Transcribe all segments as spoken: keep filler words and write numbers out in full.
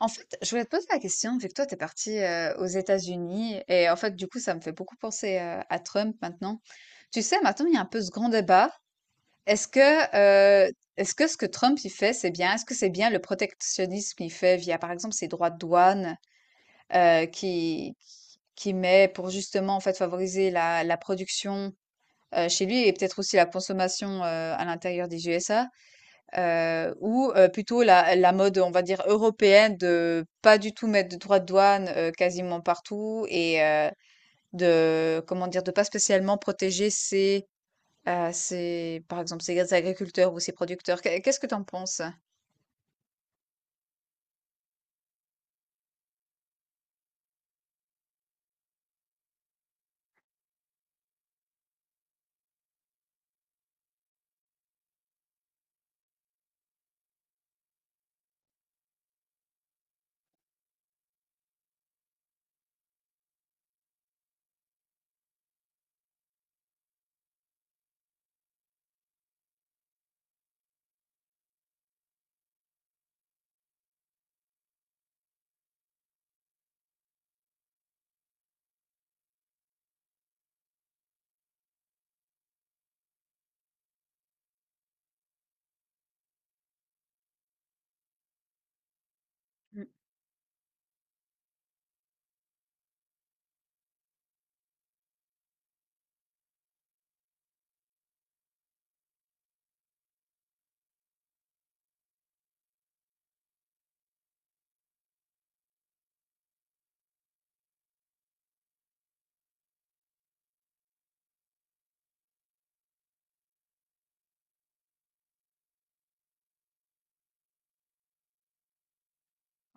En fait, je voulais te poser la question, vu que toi, tu es parti euh, aux États-Unis, et en fait, du coup, ça me fait beaucoup penser euh, à Trump maintenant. Tu sais, maintenant, il y a un peu ce grand débat. Est-ce que, euh, est-ce que ce que Trump il fait, c'est bien? Est-ce que c'est bien le protectionnisme qu'il fait via, par exemple, ses droits de douane euh, qui, qui met pour justement, en fait, favoriser la, la production euh, chez lui et peut-être aussi la consommation euh, à l'intérieur des U S A? Heu, ou heu, plutôt la la mode, on va dire, européenne de pas du tout mettre de droits de douane, heu, quasiment partout et heu, de comment dire? De pas spécialement protéger ces, heu, ses, par exemple, ces agriculteurs ou ces producteurs. Qu'est qu'est-ce que tu en penses? Mmh,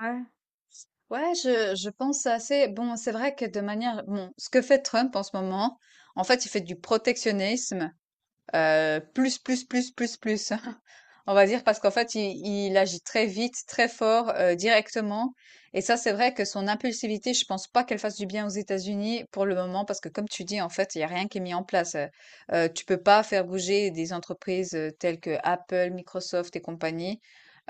ouais. Ouais, je je pense assez bon, c'est vrai que de manière bon, ce que fait Trump en ce moment, en fait, il fait du protectionnisme Euh, plus, plus, plus, plus, plus. On va dire parce qu'en fait, il, il agit très vite, très fort, euh, directement. Et ça, c'est vrai que son impulsivité, je pense pas qu'elle fasse du bien aux États-Unis pour le moment, parce que comme tu dis, en fait, il y a rien qui est mis en place. Euh, euh, tu peux pas faire bouger des entreprises euh, telles que Apple, Microsoft et compagnie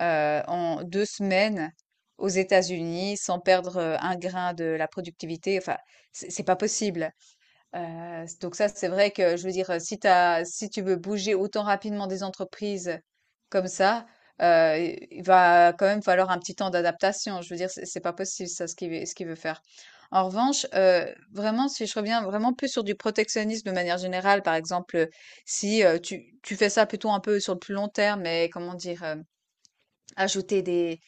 euh, en deux semaines aux États-Unis sans perdre euh, un grain de la productivité. Enfin, c'est c'est pas possible. Heu, donc ça, c'est vrai que je veux dire, euh, si tu si tu veux bouger autant rapidement des entreprises comme ça, heu, i il va quand même falloir un petit temps d'adaptation. Je veux dire, c'est c'est pas possible ça, ce qu'il veut ce qu'il veut faire. En revanche, heu, vraiment, si je reviens vraiment plus sur du protectionnisme de manière générale, par exemple, si, heu, tu tu fais ça plutôt un peu sur le plus long terme, mais comment dire? Hem, ajouter des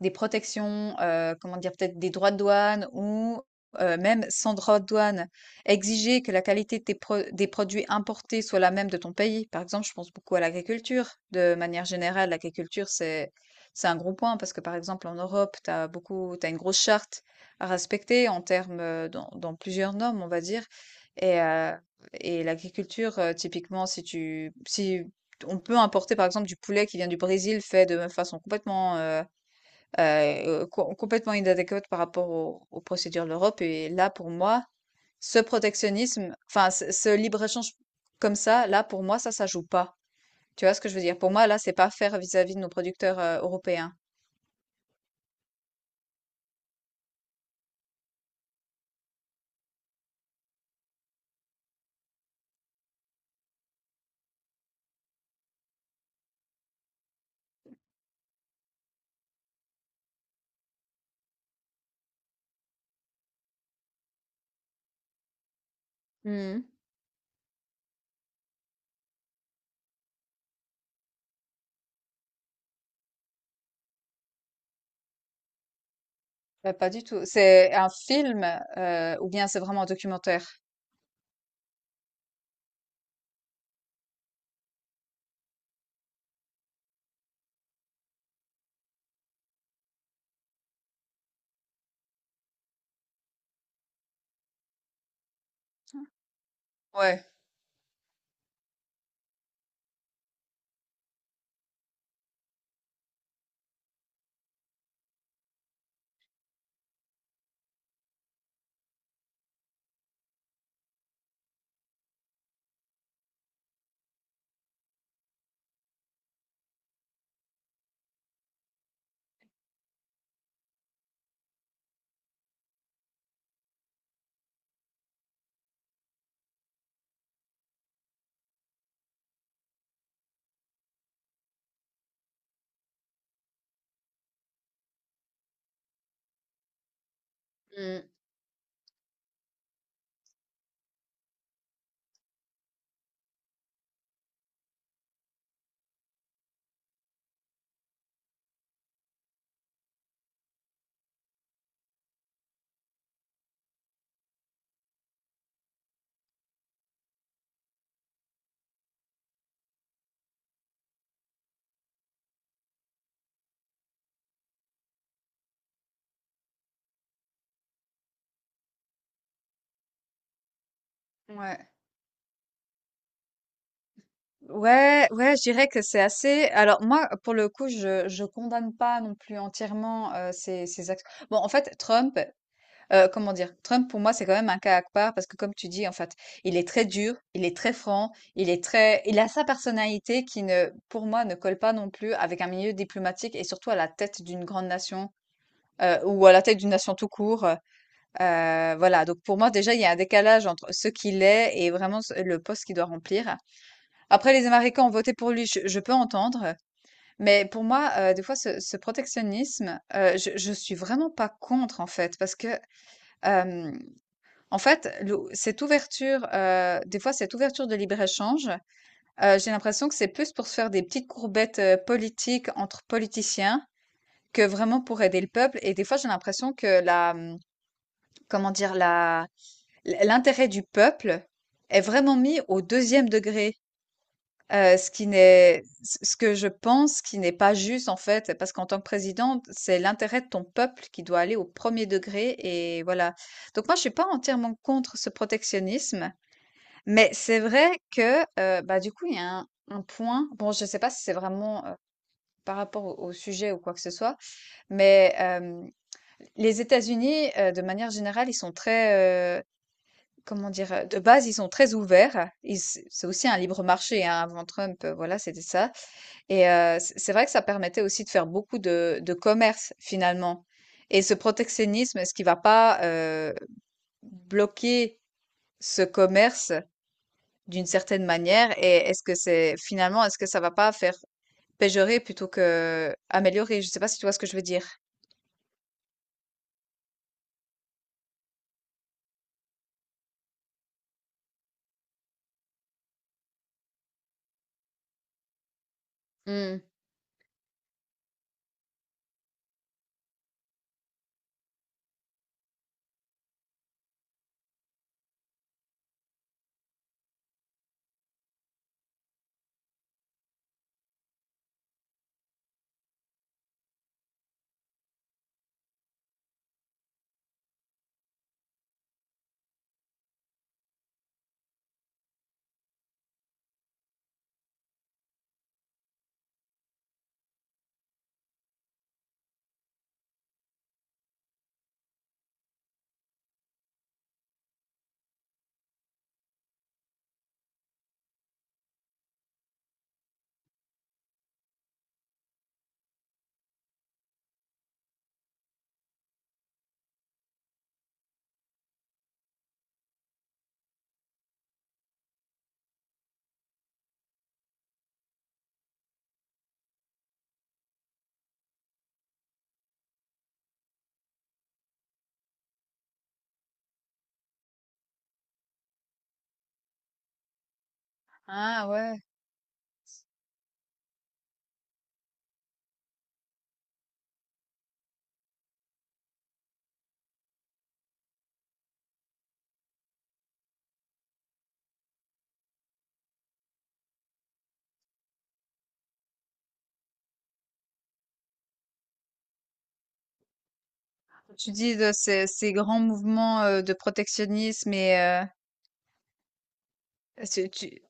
des protections, heu, comment dire? Peut-être des droits de douane ou, heu, même sans droits de douane, exiger que la qualité de tes pro des produits importés soit la même de ton pays. Par exemple, je pense beaucoup à l'agriculture. De manière générale, l'agriculture, c'est c'est un gros point parce que, par exemple, en Europe, tu as beaucoup tu une grosse charte à respecter en termes, heu, dans dans plusieurs normes, on va dire. et heu et l'agriculture, heu, typiquement, si tu si on peut importer, par exemple, du poulet qui vient du Brésil fait de façon complètement, heu euh, euh, co- complètement inadéquate par rapport au- aux procédures de l'Europe. Et là, pour moi, ce protectionnisme, enfin, ce, ce libre-échange comme ça, là, pour moi, ça, ça joue pas. Tu vois ce que je veux dire? Pour moi, là, c'est pas faire vis-à-vis de nos producteurs, euh, européens. Mhm. Bah, pas du tout. C'est un film, euh, ou bien c'est vraiment un documentaire? Ouais. Mhm. Ouais. Ouais, ouais, je dirais que c'est assez. Alors moi, pour le coup, je je condamne pas non plus entièrement euh, ces ces actions. Bon, en fait, Trump, euh, comment dire, Trump pour moi c'est quand même un cas à part parce que comme tu dis, en fait, il est très dur, il est très franc, il est très, il a sa personnalité qui ne, pour moi, ne colle pas non plus avec un milieu diplomatique et surtout à la tête d'une grande nation. Euh, ou à la tête d'une nation tout court. Euh, voilà, donc pour moi déjà, il y a un décalage entre ce qu'il est et vraiment ce- le poste qu'il doit remplir. Après, les Américains ont voté pour lui, je, je peux entendre, mais pour moi, euh, des fois, ce, ce protectionnisme, euh, je, je suis vraiment pas contre, en fait, parce que, euh, en fait, le- cette ouverture, euh, des fois, cette ouverture de libre-échange, euh, j'ai l'impression que c'est plus pour se faire des petites courbettes euh, politiques entre politiciens que vraiment pour aider le peuple. Et des fois, j'ai l'impression que la, hum, comment dire, la, l'intérêt du peuple est vraiment mis au deuxième degré. Heu, ce qui n'est ce ce que je pense qui n'est pas juste, en fait, parce qu'en tant que présidente, c'est l'intérêt de ton peuple qui doit aller au premier degré et voilà. Donc moi, je suis pas entièrement contre ce protectionnisme, mais c'est vrai que, heu, bah, du coup, il y a un un point, bon, je sais pas si c'est vraiment, heu, par rapport au au sujet ou quoi que ce soit, mais hem, les États-Unis, heu, de manière générale, ils sont très, heu, comment dire? Heu, de base, ils sont très ouverts. Ils c'est c'est aussi un libre marché, hein, avant Trump, heu, voilà, c'était ça. Et heu, c c'est vrai que ça permettait aussi de faire beaucoup de de commerce finalement, et ce protectionnisme, est-ce qu'il va pas, heu, bloquer ce commerce d'une certaine manière? Et est-ce que c'est finalement, est-ce que ça va pas faire péjorer plutôt que améliorer? Je sais pas si tu vois ce que je veux dire? Mmh. Ah ouais, tu dis de ces ces grands mouvements, heu, de protectionnisme et heu, tu tu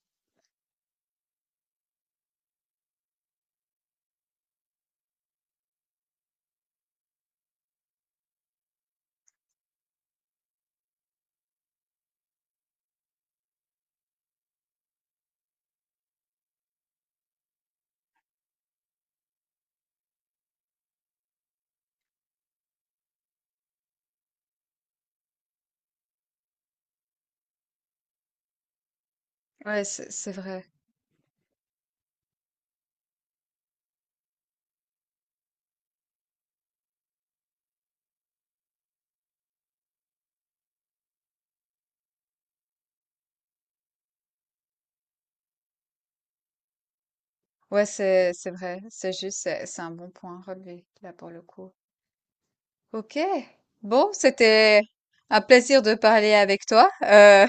ouais, c'est c'est vrai. Ouais, c'est c'est vrai, c'est juste, c'est c'est un bon point relevé là pour le coup. Ok. Bon, c'était un plaisir de parler avec toi. Euh,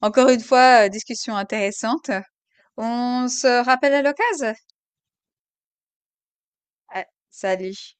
Encore une fois, euh, discussion intéressante. On se rappelle à l'occasion. Ah, salut.